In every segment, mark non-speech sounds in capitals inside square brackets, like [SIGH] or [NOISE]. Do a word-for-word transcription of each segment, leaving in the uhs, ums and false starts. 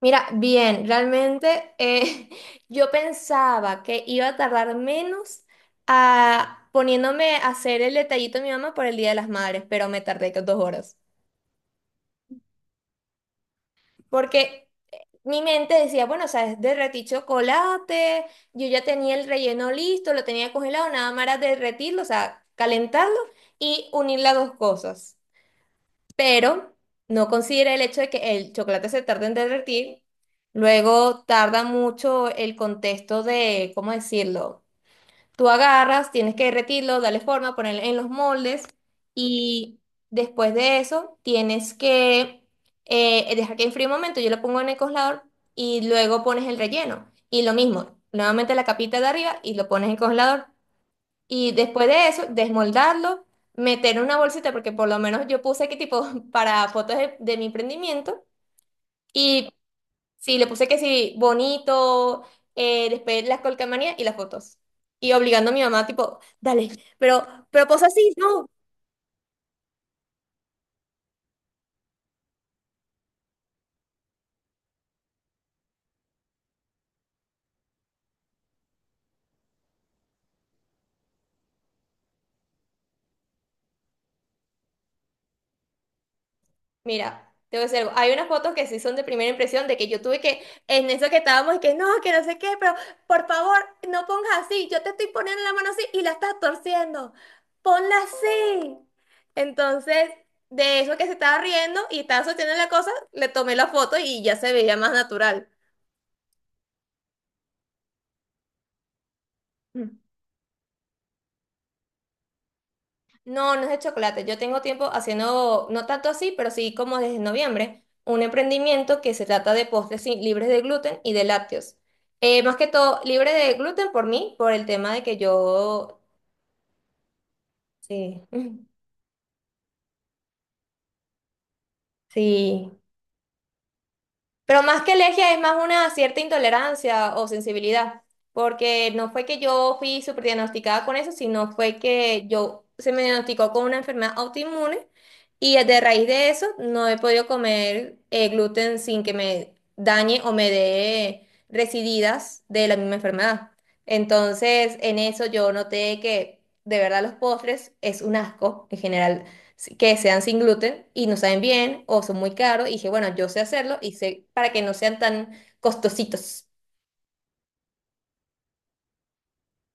Mira, bien, realmente eh, [LAUGHS] yo pensaba que iba a tardar menos a, poniéndome a hacer el detallito de mi mamá por el Día de las Madres, pero me tardé que dos horas. Porque mi mente decía, bueno, o sea, es derretí chocolate, yo ya tenía el relleno listo, lo tenía congelado, nada más era derretirlo, o sea, calentarlo y unir las dos cosas. Pero no considera el hecho de que el chocolate se tarda en derretir, luego tarda mucho el contexto de, ¿cómo decirlo? Tú agarras, tienes que derretirlo, darle forma, ponerlo en los moldes y después de eso tienes que eh, dejar que enfríe un momento, yo lo pongo en el congelador y luego pones el relleno. Y lo mismo, nuevamente la capita de arriba y lo pones en el congelador. Y después de eso, desmoldarlo, meter en una bolsita, porque por lo menos yo puse que tipo [LAUGHS] para fotos de, de mi emprendimiento. Y sí, le puse que sí, bonito, eh, después las colcamanías y las fotos. Y obligando a mi mamá, tipo, dale, pero, pero posa así, no. Mira, te voy a decir algo. Hay unas fotos que sí son de primera impresión de que yo tuve que, en eso que estábamos, y que no, que no sé qué, pero por favor, no pongas así. Yo te estoy poniendo la mano así y la estás torciendo. Ponla así. Entonces, de eso que se estaba riendo y estaba sosteniendo la cosa, le tomé la foto y ya se veía más natural. No, no es de chocolate. Yo tengo tiempo haciendo, no tanto así, pero sí como desde noviembre, un emprendimiento que se trata de postres sin- libres de gluten y de lácteos. Eh, más que todo, libre de gluten por mí, por el tema de que yo... Sí, [LAUGHS] sí. Pero más que alergia es más una cierta intolerancia o sensibilidad, porque no fue que yo fui superdiagnosticada con eso, sino fue que yo se me diagnosticó con una enfermedad autoinmune y de raíz de eso no he podido comer eh, gluten sin que me dañe o me dé resididas de la misma enfermedad. Entonces, en eso yo noté que de verdad los postres es un asco en general si- que sean sin gluten y no saben bien o son muy caros. Y dije, bueno, yo sé hacerlo y sé para que no sean tan costositos,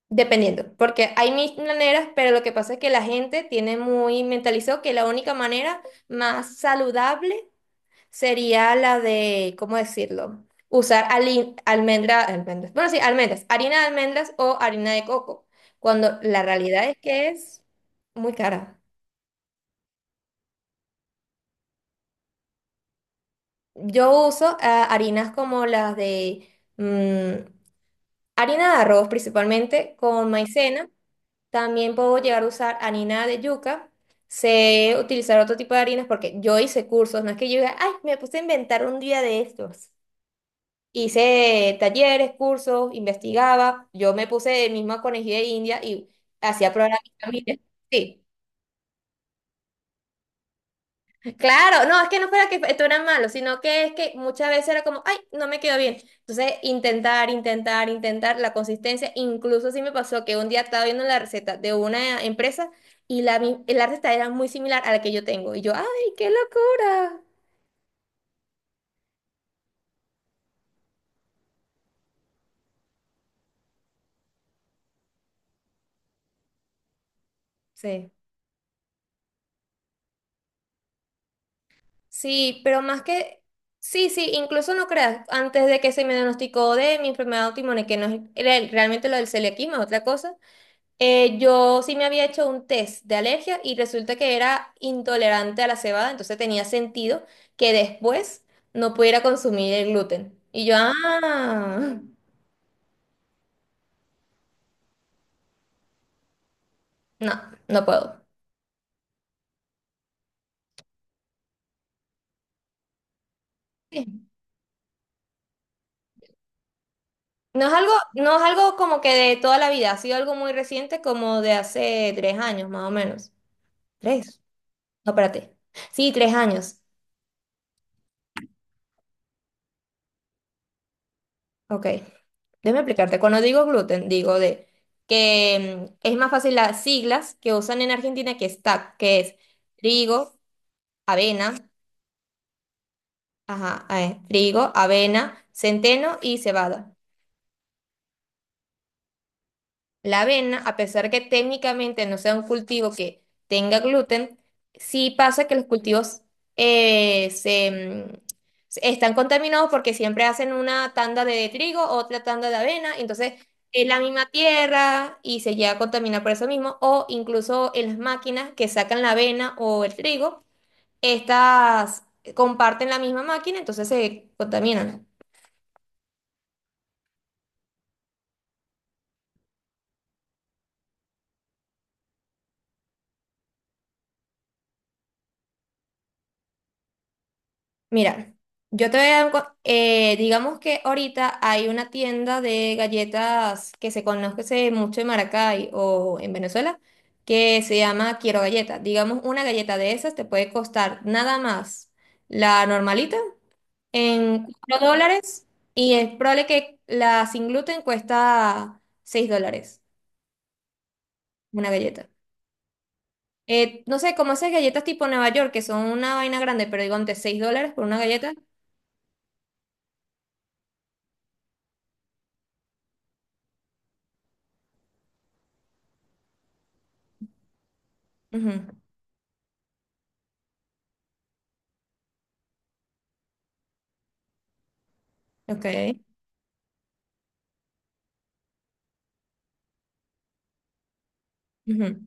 dependiendo. Porque hay mil maneras, pero lo que pasa es que la gente tiene muy mentalizado que la única manera más saludable sería la de, ¿cómo decirlo? Usar ali- almendra, almendras, bueno, sí, almendras, harina de almendras o harina de coco, cuando la realidad es que es muy cara. Yo uso ah, harinas como las de mm, Harina de arroz principalmente con maicena. También puedo llegar a usar harina de yuca. Sé utilizar otro tipo de harinas porque yo hice cursos. No es que yo diga, ay, me puse a inventar un día de estos. Hice talleres, cursos, investigaba. Yo me puse misma conejilla de India y hacía programas a mi familia. Sí. Claro, no, es que no fuera que esto era malo, sino que es que muchas veces era como, ay, no me quedó bien. Entonces, intentar, intentar, intentar la consistencia. Incluso sí me pasó que un día estaba viendo la receta de una empresa y la, mi- la receta era muy similar a la que yo tengo. Y yo, ay, qué locura. Sí, sí, pero más que, sí, sí, incluso no creas, antes de que se me diagnosticó de mi enfermedad autoinmune, que no es re- realmente lo del celiaquismo, es otra cosa. Eh, yo sí me había hecho un test de alergia y resulta que era intolerante a la cebada, entonces tenía sentido que después no pudiera consumir el gluten. Y yo, ah, no, no puedo. Sí. No es algo, no es algo como que de toda la vida, ha sido algo muy reciente, como de hace tres años más o menos. ¿Tres? No, espérate. Sí, tres años. Ok, déjame explicarte. Cuando digo gluten, digo de que mm, es más fácil las siglas que usan en Argentina que es TAC, que es trigo, avena, ajá, eh, trigo, avena, centeno y cebada. La avena, a pesar que técnicamente no sea un cultivo que tenga gluten, sí pasa que los cultivos eh, se, mm, se- están contaminados porque siempre hacen una tanda de trigo, otra tanda de avena, y entonces es la misma tierra y se llega a contaminar por eso mismo, o incluso en las máquinas que sacan la avena o el trigo, estas eh, comparten la misma máquina, entonces se contaminan. Mira, yo te voy a dar un co- eh, digamos que ahorita hay una tienda de galletas que se conoce mucho en Maracay o en Venezuela que se llama Quiero Galleta. Digamos, una galleta de esas te puede costar nada más la normalita en cuatro dólares y es probable que la sin gluten cuesta seis dólares una galleta. Eh, no sé, como esas galletas tipo Nueva York que son una vaina grande, pero digo antes seis dólares por una galleta. Ujú. Ok. Ujú.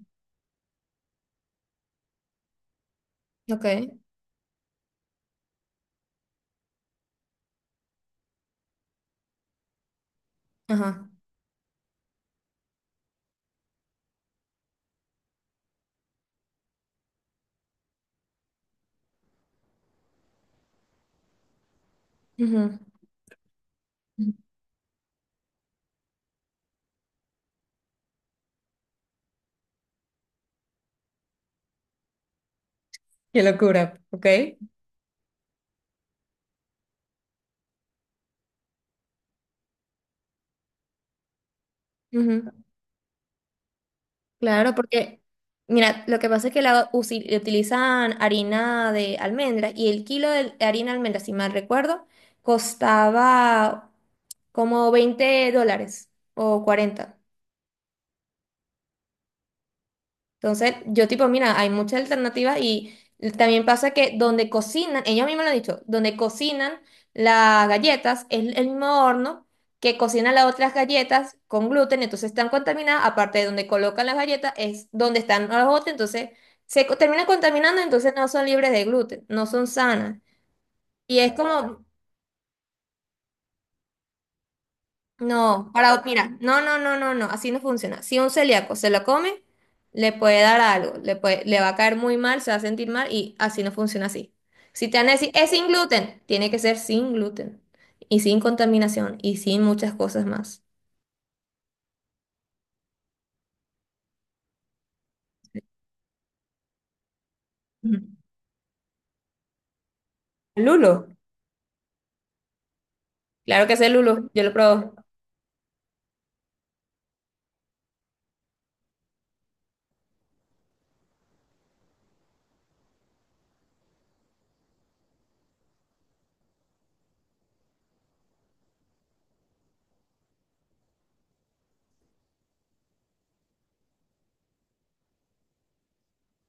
Ok, ajá. Ujú, ujú. Qué locura, ok. Ujú. Claro, porque, mira, lo que pasa es que la usi- utilizan harina de almendras y el kilo de harina de almendras, si mal recuerdo, costaba como veinte dólares o cuarenta. Entonces, yo tipo, mira, hay muchas alternativas y también pasa que donde cocinan, ellos mismos lo han dicho, donde cocinan las galletas es el mismo horno que cocinan las otras galletas con gluten, entonces están contaminadas, aparte de donde colocan las galletas es donde están las otras, entonces se co- terminan contaminando, entonces no son libres de gluten, no son sanas. Y es como, no, para, mira, no, no, no, no, no, así no funciona. Si un celíaco se lo come, le puede dar algo, le puede, le va a caer muy mal, se va a sentir mal y así no funciona así. Si te van a decir, es sin gluten, tiene que ser sin gluten y sin contaminación y sin muchas cosas más. Ujú. Lulo. Claro que es el lulo, yo lo probé.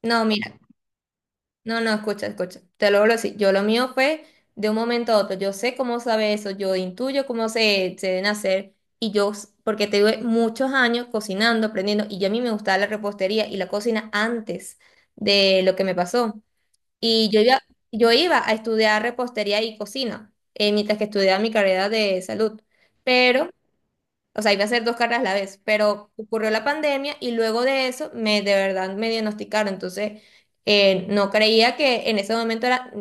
No, mira. No, no, escucha, escucha. Te lo hablo así. Yo lo mío fue de un momento a otro. Yo sé cómo sabe eso, yo intuyo cómo se, se deben hacer. Y yo, s- porque te tuve muchos años cocinando, aprendiendo, y yo a mí me gustaba la repostería y la cocina antes de lo que me pasó. Y yo iba, yo iba a estudiar repostería y cocina, eh, mientras que estudiaba mi carrera de salud. Pero o sea, iba a hacer dos carreras a la vez, pero ocurrió la pandemia y luego de eso me de verdad me diagnosticaron. Entonces, eh, no creía que en ese momento era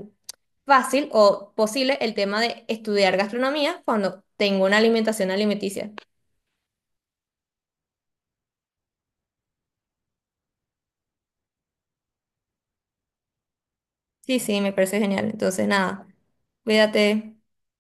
fácil o posible el tema de estudiar gastronomía cuando tengo una alimentación alimenticia. Sí, sí, me parece genial. Entonces, nada, cuídate.